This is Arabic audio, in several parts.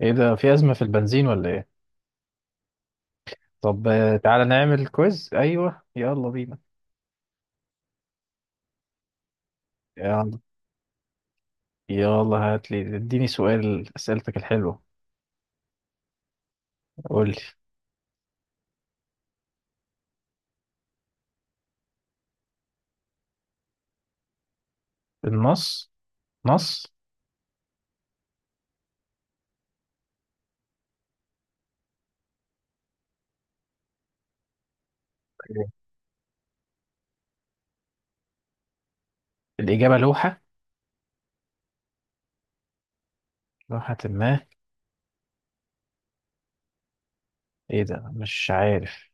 ايه ده، في أزمة في البنزين ولا ايه؟ طب تعالى نعمل كويز. ايوه، يلا بينا. يلا يلا، هات لي اديني سؤال، أسئلتك الحلوة. قول لي. النص نص إيه. الإجابة لوحة، لوحة ما. ايه ده، مش عارف.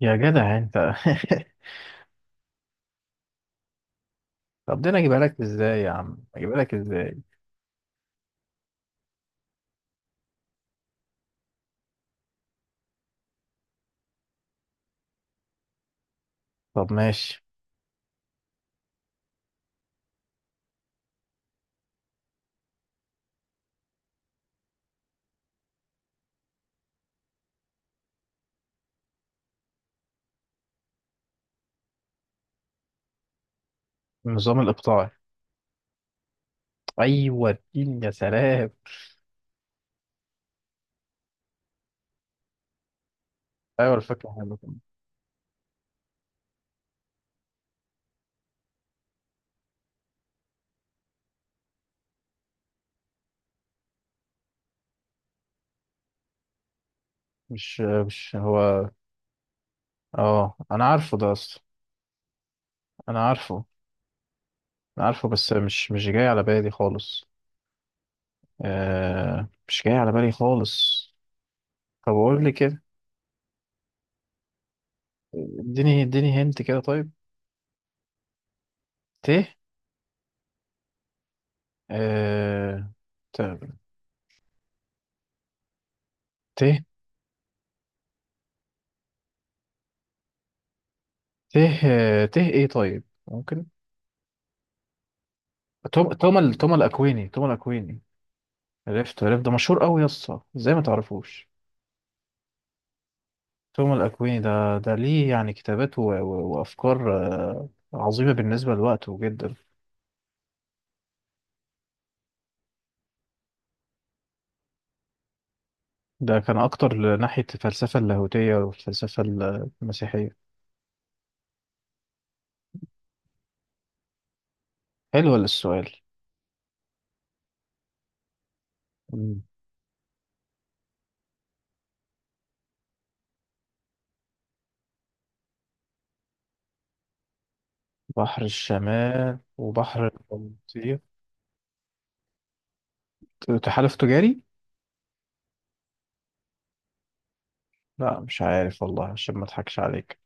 يا جدع انت. طب ده انا اجيبها لك ازاي يا عم، اجيبها لك ازاي. طب ماشي. النظام الإقطاعي. ايوه، اديني يا سلام. ايوه، الفكرة حلوة كمان. مش هو. اه، انا عارفه ده اصلا. انا عارفه. أنا عارفه، بس مش جاي على بالي خالص. مش جاي على بالي خالص. طب قول لي كده. اديني هنت كده، طيب. ت، آه ت، ت، ت، ت، ايه؟ طيب، ممكن توما، توما الاكويني، توما الاكويني. عرفت ده، مشهور قوي يا اسطى، ازاي ما تعرفوش؟ توما الاكويني ده، ليه يعني كتابات وافكار عظيمة بالنسبة لوقته جدا. ده كان أكتر ناحية الفلسفة اللاهوتية والفلسفة المسيحية. حلو السؤال. مم. بحر الشمال وبحر البلطيق. تحالف تجاري؟ لا، مش عارف والله، عشان ما اضحكش عليك.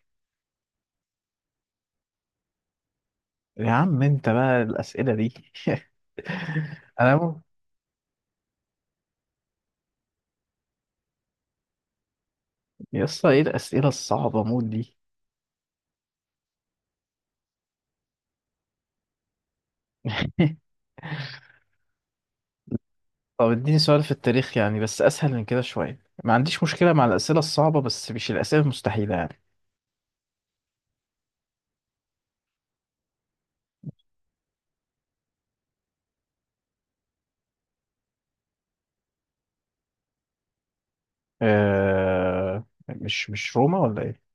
يا عم انت بقى، الأسئلة دي. انا م... يا اسطى، ايه الأسئلة الصعبة موت دي. طب اديني سؤال في التاريخ يعني، بس أسهل من كده شوية. ما عنديش مشكلة مع الأسئلة الصعبة، بس مش الأسئلة المستحيلة يعني. مش روما ولا ايه؟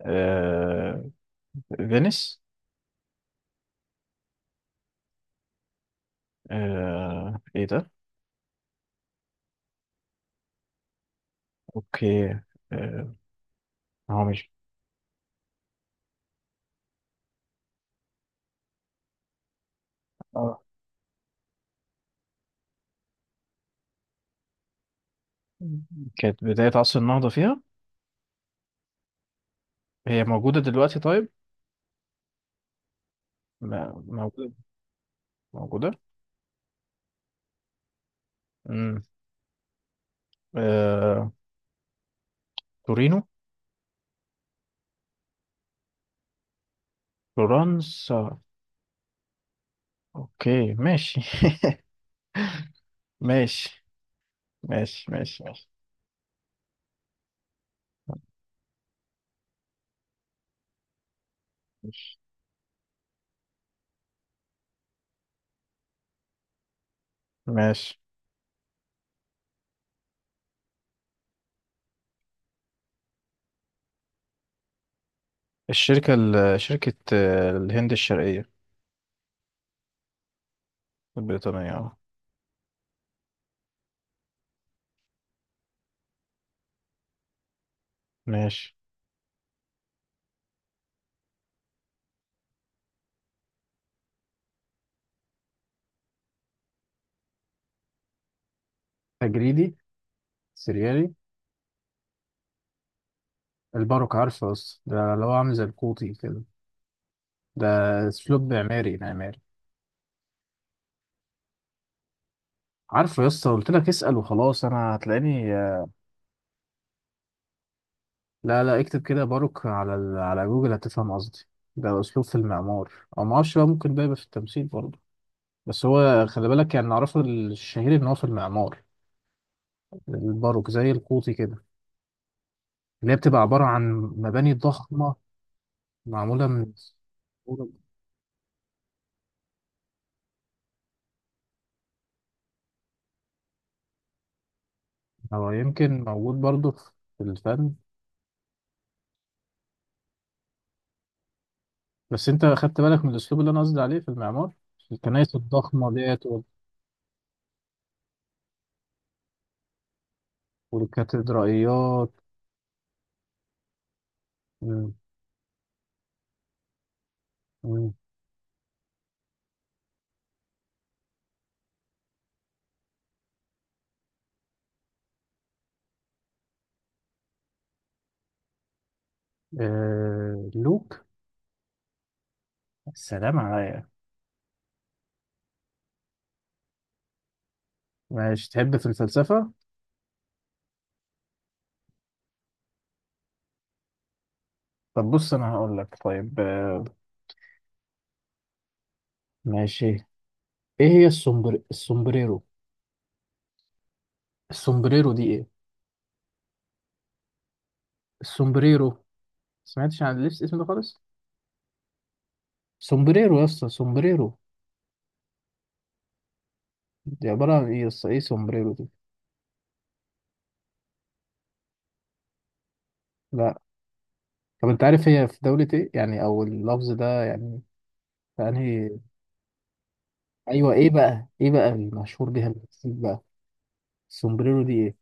أه... فينيس. ايه ده؟ اوكي. آه، هو مش. اه، كانت بداية عصر النهضة فيها. هي موجودة دلوقتي طيب. موجودة. موجودة. امم آه... تورينو. فلورنسا. اوكي ماشي. ماشي ماشي. ماشي ماشي ماشي. الشركة شركة الهند الشرقية. البريطانية اه. ماشي. تجريدي. سريالي. الباروك عارفه، بس ده اللي هو عامل زي القوطي كده. ده اسلوب معماري معماري. عارفه يا اسطى، قلت لك اسأل وخلاص، انا هتلاقيني. لا، لا، اكتب كده باروك على جوجل هتفهم قصدي. ده اسلوب في المعمار. او ما اعرفش بقى، ممكن ده يبقى في التمثيل برضه. بس هو خلي بالك، يعني نعرفه الشهير ان هو في المعمار. الباروك زي القوطي كده، اللي هي بتبقى عبارة عن مباني ضخمة معمولة من. هو يمكن موجود برضه في الفن. بس انت خدت بالك من الاسلوب اللي انا قصدي عليه في المعمار، الكنائس الضخمة ديت والكاتدرائيات. مم. مم. لوك. السلام عليا. ماشي، تحب في الفلسفة. طب بص أنا هقول لك طيب، ماشي. إيه هي السومبريرو. السومبريرو دي إيه؟ السومبريرو. سمعتش عن اسم ده خالص. سومبريرو يا اسطى، سومبريرو. دي عبارة عن إيه يا اسطى، إيه سومبريرو دي. لا. طب أنت عارف هي في دولة إيه يعني، أو اللفظ ده يعني في أنهي؟ أيوه، إيه بقى إيه بقى المشهور بيها المكسيك بقى. السومبريرو دي إيه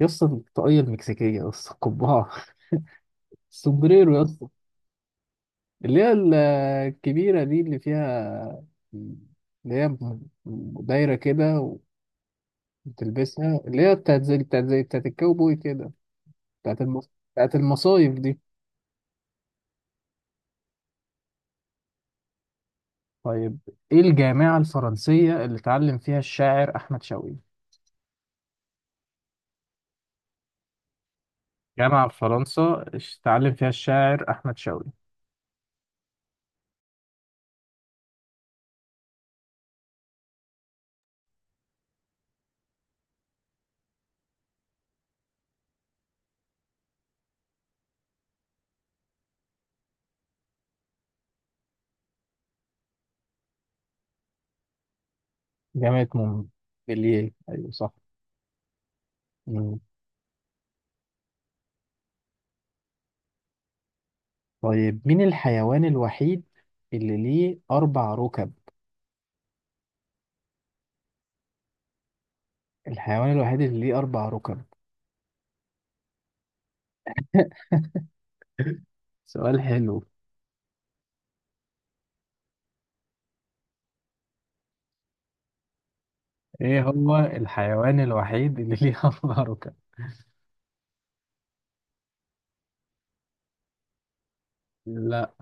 يا اسطى، الطاقية المكسيكية يا اسطى، القبعة. السومبريرو يا اسطى، اللي هي الكبيرة دي اللي فيها، اللي هي دايرة كده وتلبسها، اللي هي بتاعت الكاوبوي كده، بتاعت المصايف دي. طيب، ايه الجامعة الفرنسية اللي اتعلم فيها الشاعر أحمد شوقي؟ جامعة في فرنسا، اتعلم فيها الشاعر أحمد شوقي. جامعة مونبellier، أيوة صح. مم. طيب، مين الحيوان الوحيد اللي ليه أربع ركب؟ الحيوان الوحيد اللي ليه أربع ركب. سؤال حلو. ايه هو الحيوان الوحيد اللي ليه اربع ركب؟ لا،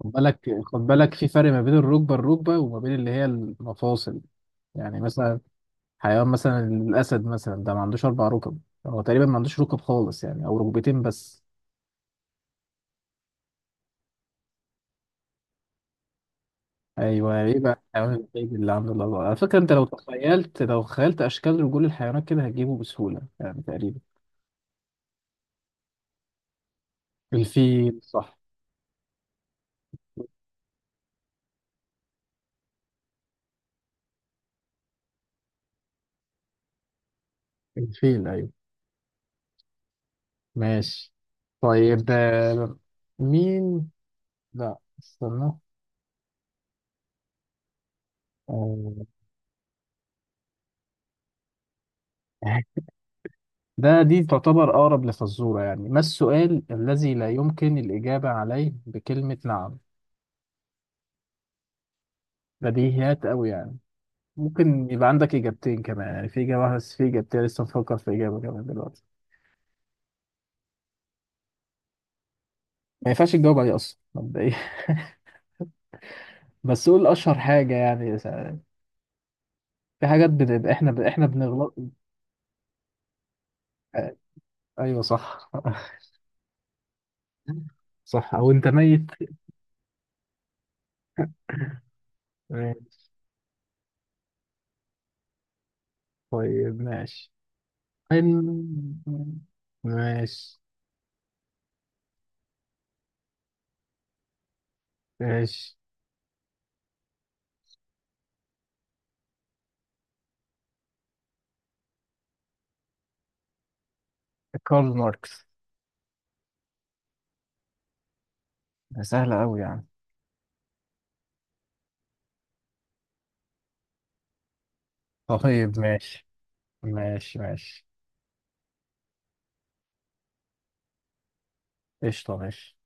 خد بالك، خد بالك، في فرق ما بين الركبه الركبه وما بين اللي هي المفاصل. يعني مثلا حيوان مثلا الاسد مثلا، ده ما عندوش اربع ركب. هو تقريبا ما عندوش ركب خالص يعني، او ركبتين بس. ايوه، ايه بقى الحيوان الوحيد اللي عنده الاربع؟ على فكره انت لو خيلت اشكال رجول الحيوانات كده هتجيبه بسهوله يعني تقريبا. الفيل صح. الفيل ايوه. ماشي. طيب، مين، لا استنى، آه، دي تعتبر أقرب لفزورة يعني، ما السؤال الذي لا يمكن الإجابة عليه بكلمة نعم. بديهيات أوي يعني. ممكن يبقى عندك إجابتين كمان يعني، في إجابة واحدة بس في إجابتين، لسه مفكر في إجابة كمان دلوقتي. ما ينفعش تجاوب عليه أصلا مبدئيا. بس قول أشهر حاجة يعني، في حاجات بنبقى إحنا إحنا بنغلط. آه، أيوه صح. صح، أو أنت ميت. ماشي. طيب ماشي ماشي ماشي ماشي. كارل ماركس. سهلة أوي يعني. طيب ماشي. ماشي ماشي قشطة ماشي.